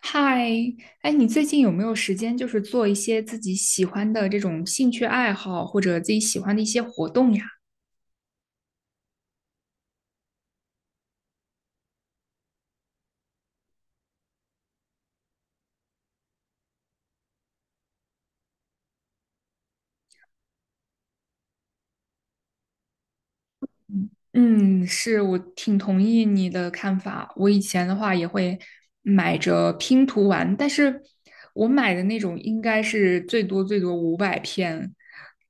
嗨，哎，你最近有没有时间，就是做一些自己喜欢的这种兴趣爱好，或者自己喜欢的一些活动呀？嗯，是，我挺同意你的看法。我以前的话也会买着拼图玩，但是我买的那种应该是最多最多500片。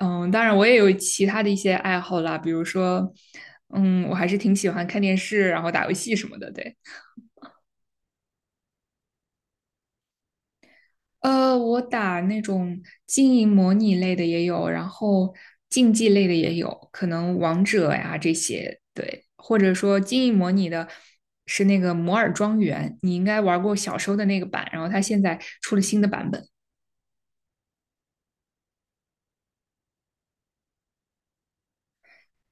嗯，当然我也有其他的一些爱好啦，比如说，我还是挺喜欢看电视，然后打游戏什么的，对。我打那种经营模拟类的也有，然后竞技类的也有，可能王者呀这些，对，或者说经营模拟的是那个摩尔庄园，你应该玩过小时候的那个版，然后它现在出了新的版本。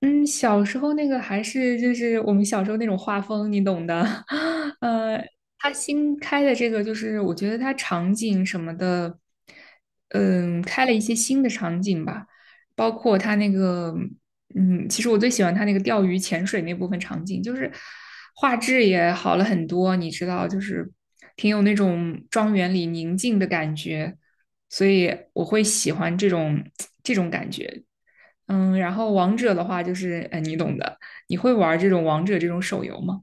嗯，小时候那个还是就是我们小时候那种画风，你懂的。呃，它新开的这个，就是我觉得它场景什么的，开了一些新的场景吧，包括它那个，其实我最喜欢它那个钓鱼潜水那部分场景，就是画质也好了很多，你知道，就是挺有那种庄园里宁静的感觉，所以我会喜欢这种 这种感觉。嗯，然后王者的话就是，你懂的。你会玩这种王者这种手游吗？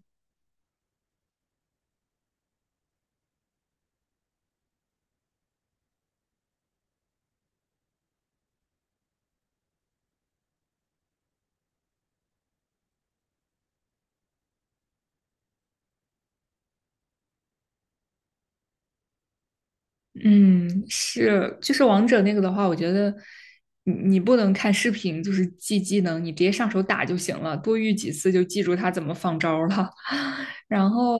嗯，是，就是王者那个的话，我觉得你不能看视频，就是记技能，你直接上手打就行了，多遇几次就记住他怎么放招儿了。然后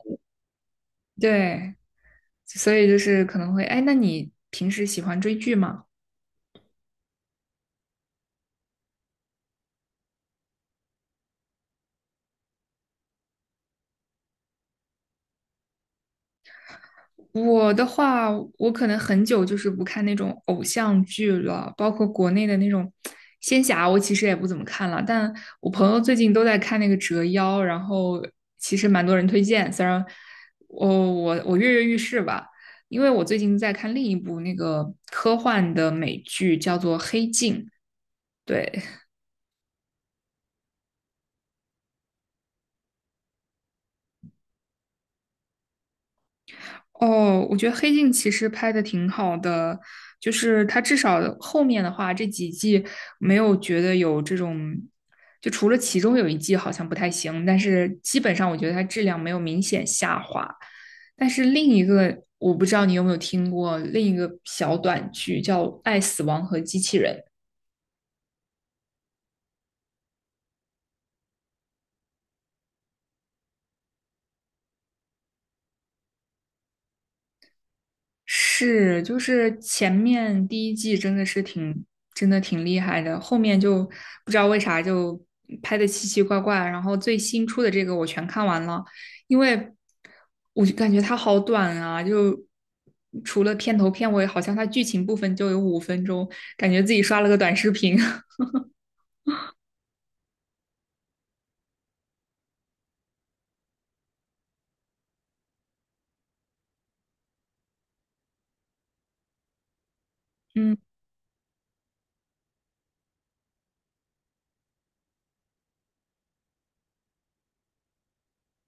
对，所以就是可能会，哎，那你平时喜欢追剧吗？我的话，我可能很久就是不看那种偶像剧了，包括国内的那种仙侠，我其实也不怎么看了。但我朋友最近都在看那个《折腰》，然后其实蛮多人推荐，虽然我跃跃欲试吧，因为我最近在看另一部那个科幻的美剧，叫做《黑镜》。对，哦，我觉得《黑镜》其实拍的挺好的，就是它至少后面的话这几季没有觉得有这种，就除了其中有一季好像不太行，但是基本上我觉得它质量没有明显下滑。但是另一个我不知道你有没有听过另一个小短剧叫《爱、死亡和机器人》，是，就是前面第一季真的是挺，真的挺厉害的，后面就不知道为啥就拍的奇奇怪怪。然后最新出的这个我全看完了，因为我就感觉它好短啊，就除了片头片尾，好像它剧情部分就有5分钟，感觉自己刷了个短视频。嗯，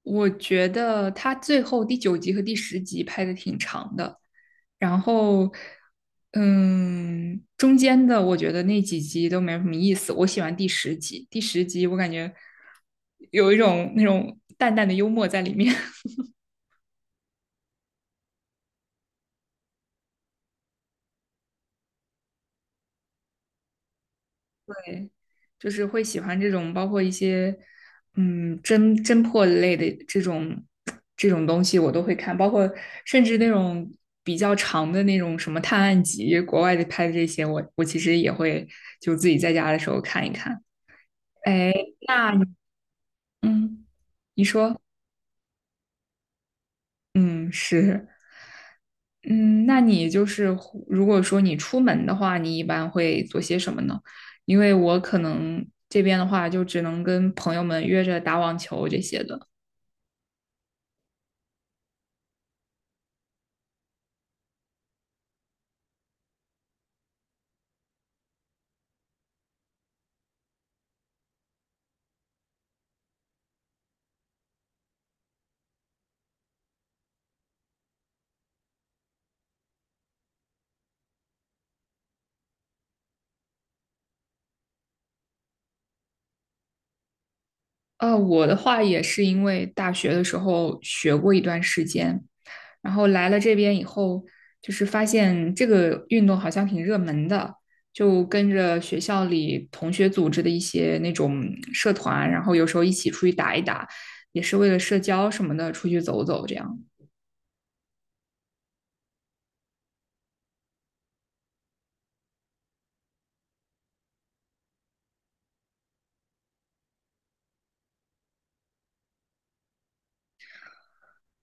我觉得它最后第九集和第十集拍的挺长的。然后，中间的我觉得那几集都没有什么意思。我喜欢第十集，第十集我感觉有一种那种淡淡的幽默在里面，对，就是会喜欢这种包括一些侦破类的这种东西我都会看，包括甚至那种比较长的那种什么探案集，国外的拍的这些，我其实也会就自己在家的时候看一看。哎，那你嗯，你说。嗯，是，嗯，那你就是如果说你出门的话，你一般会做些什么呢？因为我可能这边的话，就只能跟朋友们约着打网球这些的。我的话也是因为大学的时候学过一段时间，然后来了这边以后，就是发现这个运动好像挺热门的，就跟着学校里同学组织的一些那种社团，然后有时候一起出去打一打，也是为了社交什么的，出去走走这样。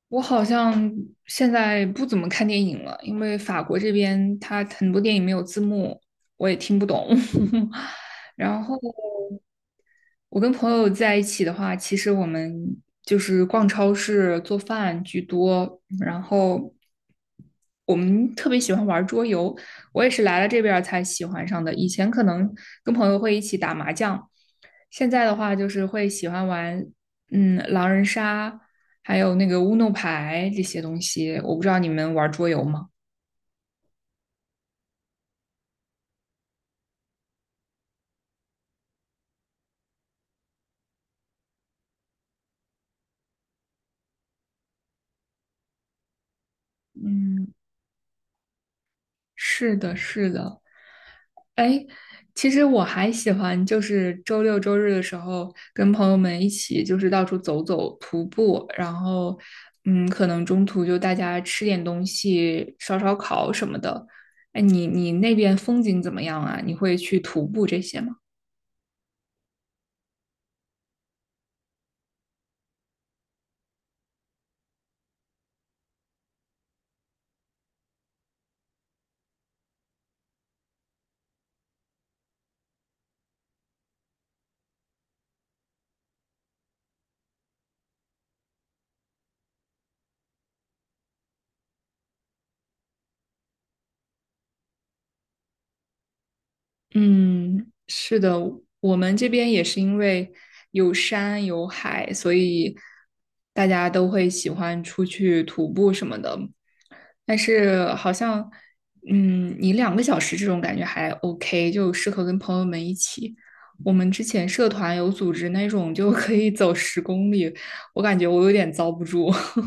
我好像现在不怎么看电影了，因为法国这边它很多电影没有字幕，我也听不懂。然后我跟朋友在一起的话，其实我们就是逛超市、做饭居多，然后我们特别喜欢玩桌游。我也是来了这边儿才喜欢上的，以前可能跟朋友会一起打麻将，现在的话就是会喜欢玩，狼人杀，还有那个乌弄牌这些东西。我不知道你们玩桌游吗？嗯，是的，是的。哎，其实我还喜欢，就是周六周日的时候跟朋友们一起，就是到处走走、徒步，然后，可能中途就大家吃点东西、烧烧烤什么的。哎，你那边风景怎么样啊？你会去徒步这些吗？嗯，是的，我们这边也是因为有山有海，所以大家都会喜欢出去徒步什么的。但是好像，你2个小时这种感觉还 OK，就适合跟朋友们一起。我们之前社团有组织那种就可以走十公里，我感觉我有点遭不住。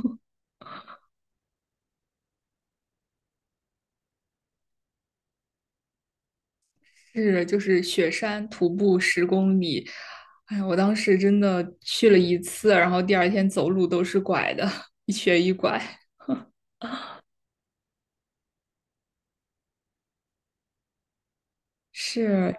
是，就是雪山徒步十公里，哎呀，我当时真的去了一次，然后第二天走路都是拐的，一瘸一拐。是，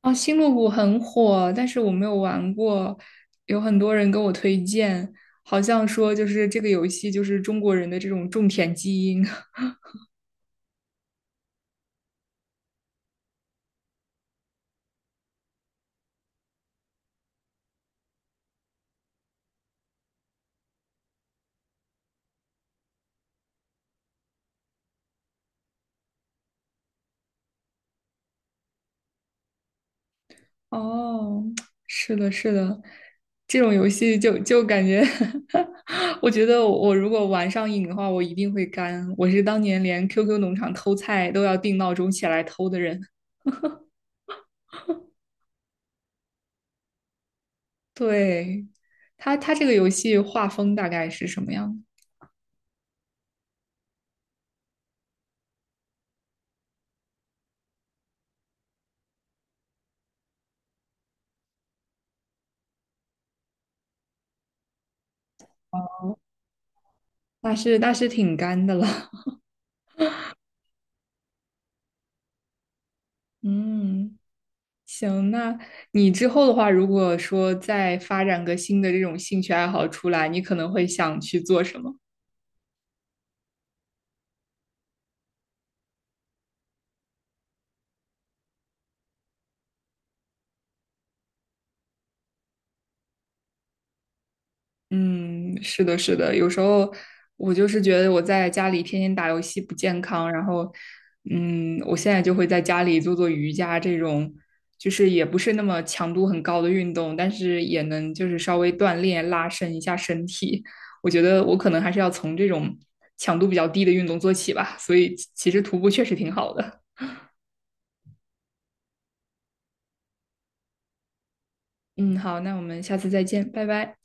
啊，星露谷很火，但是我没有玩过，有很多人跟我推荐，好像说就是这个游戏就是中国人的这种种田基因。哦，是的，是的，这种游戏就感觉 我觉得我如果玩上瘾的话，我一定会干。我是当年连 QQ 农场偷菜都要定闹钟起来偷的人。对，他这个游戏画风大概是什么样的？那是那是挺干的了。嗯，行，那你之后的话，如果说再发展个新的这种兴趣爱好出来，你可能会想去做什么？嗯，是的，是的，有时候我就是觉得我在家里天天打游戏不健康，然后，我现在就会在家里做做瑜伽这种，就是也不是那么强度很高的运动，但是也能就是稍微锻炼拉伸一下身体。我觉得我可能还是要从这种强度比较低的运动做起吧，所以其实徒步确实挺好的。嗯，好，那我们下次再见，拜拜。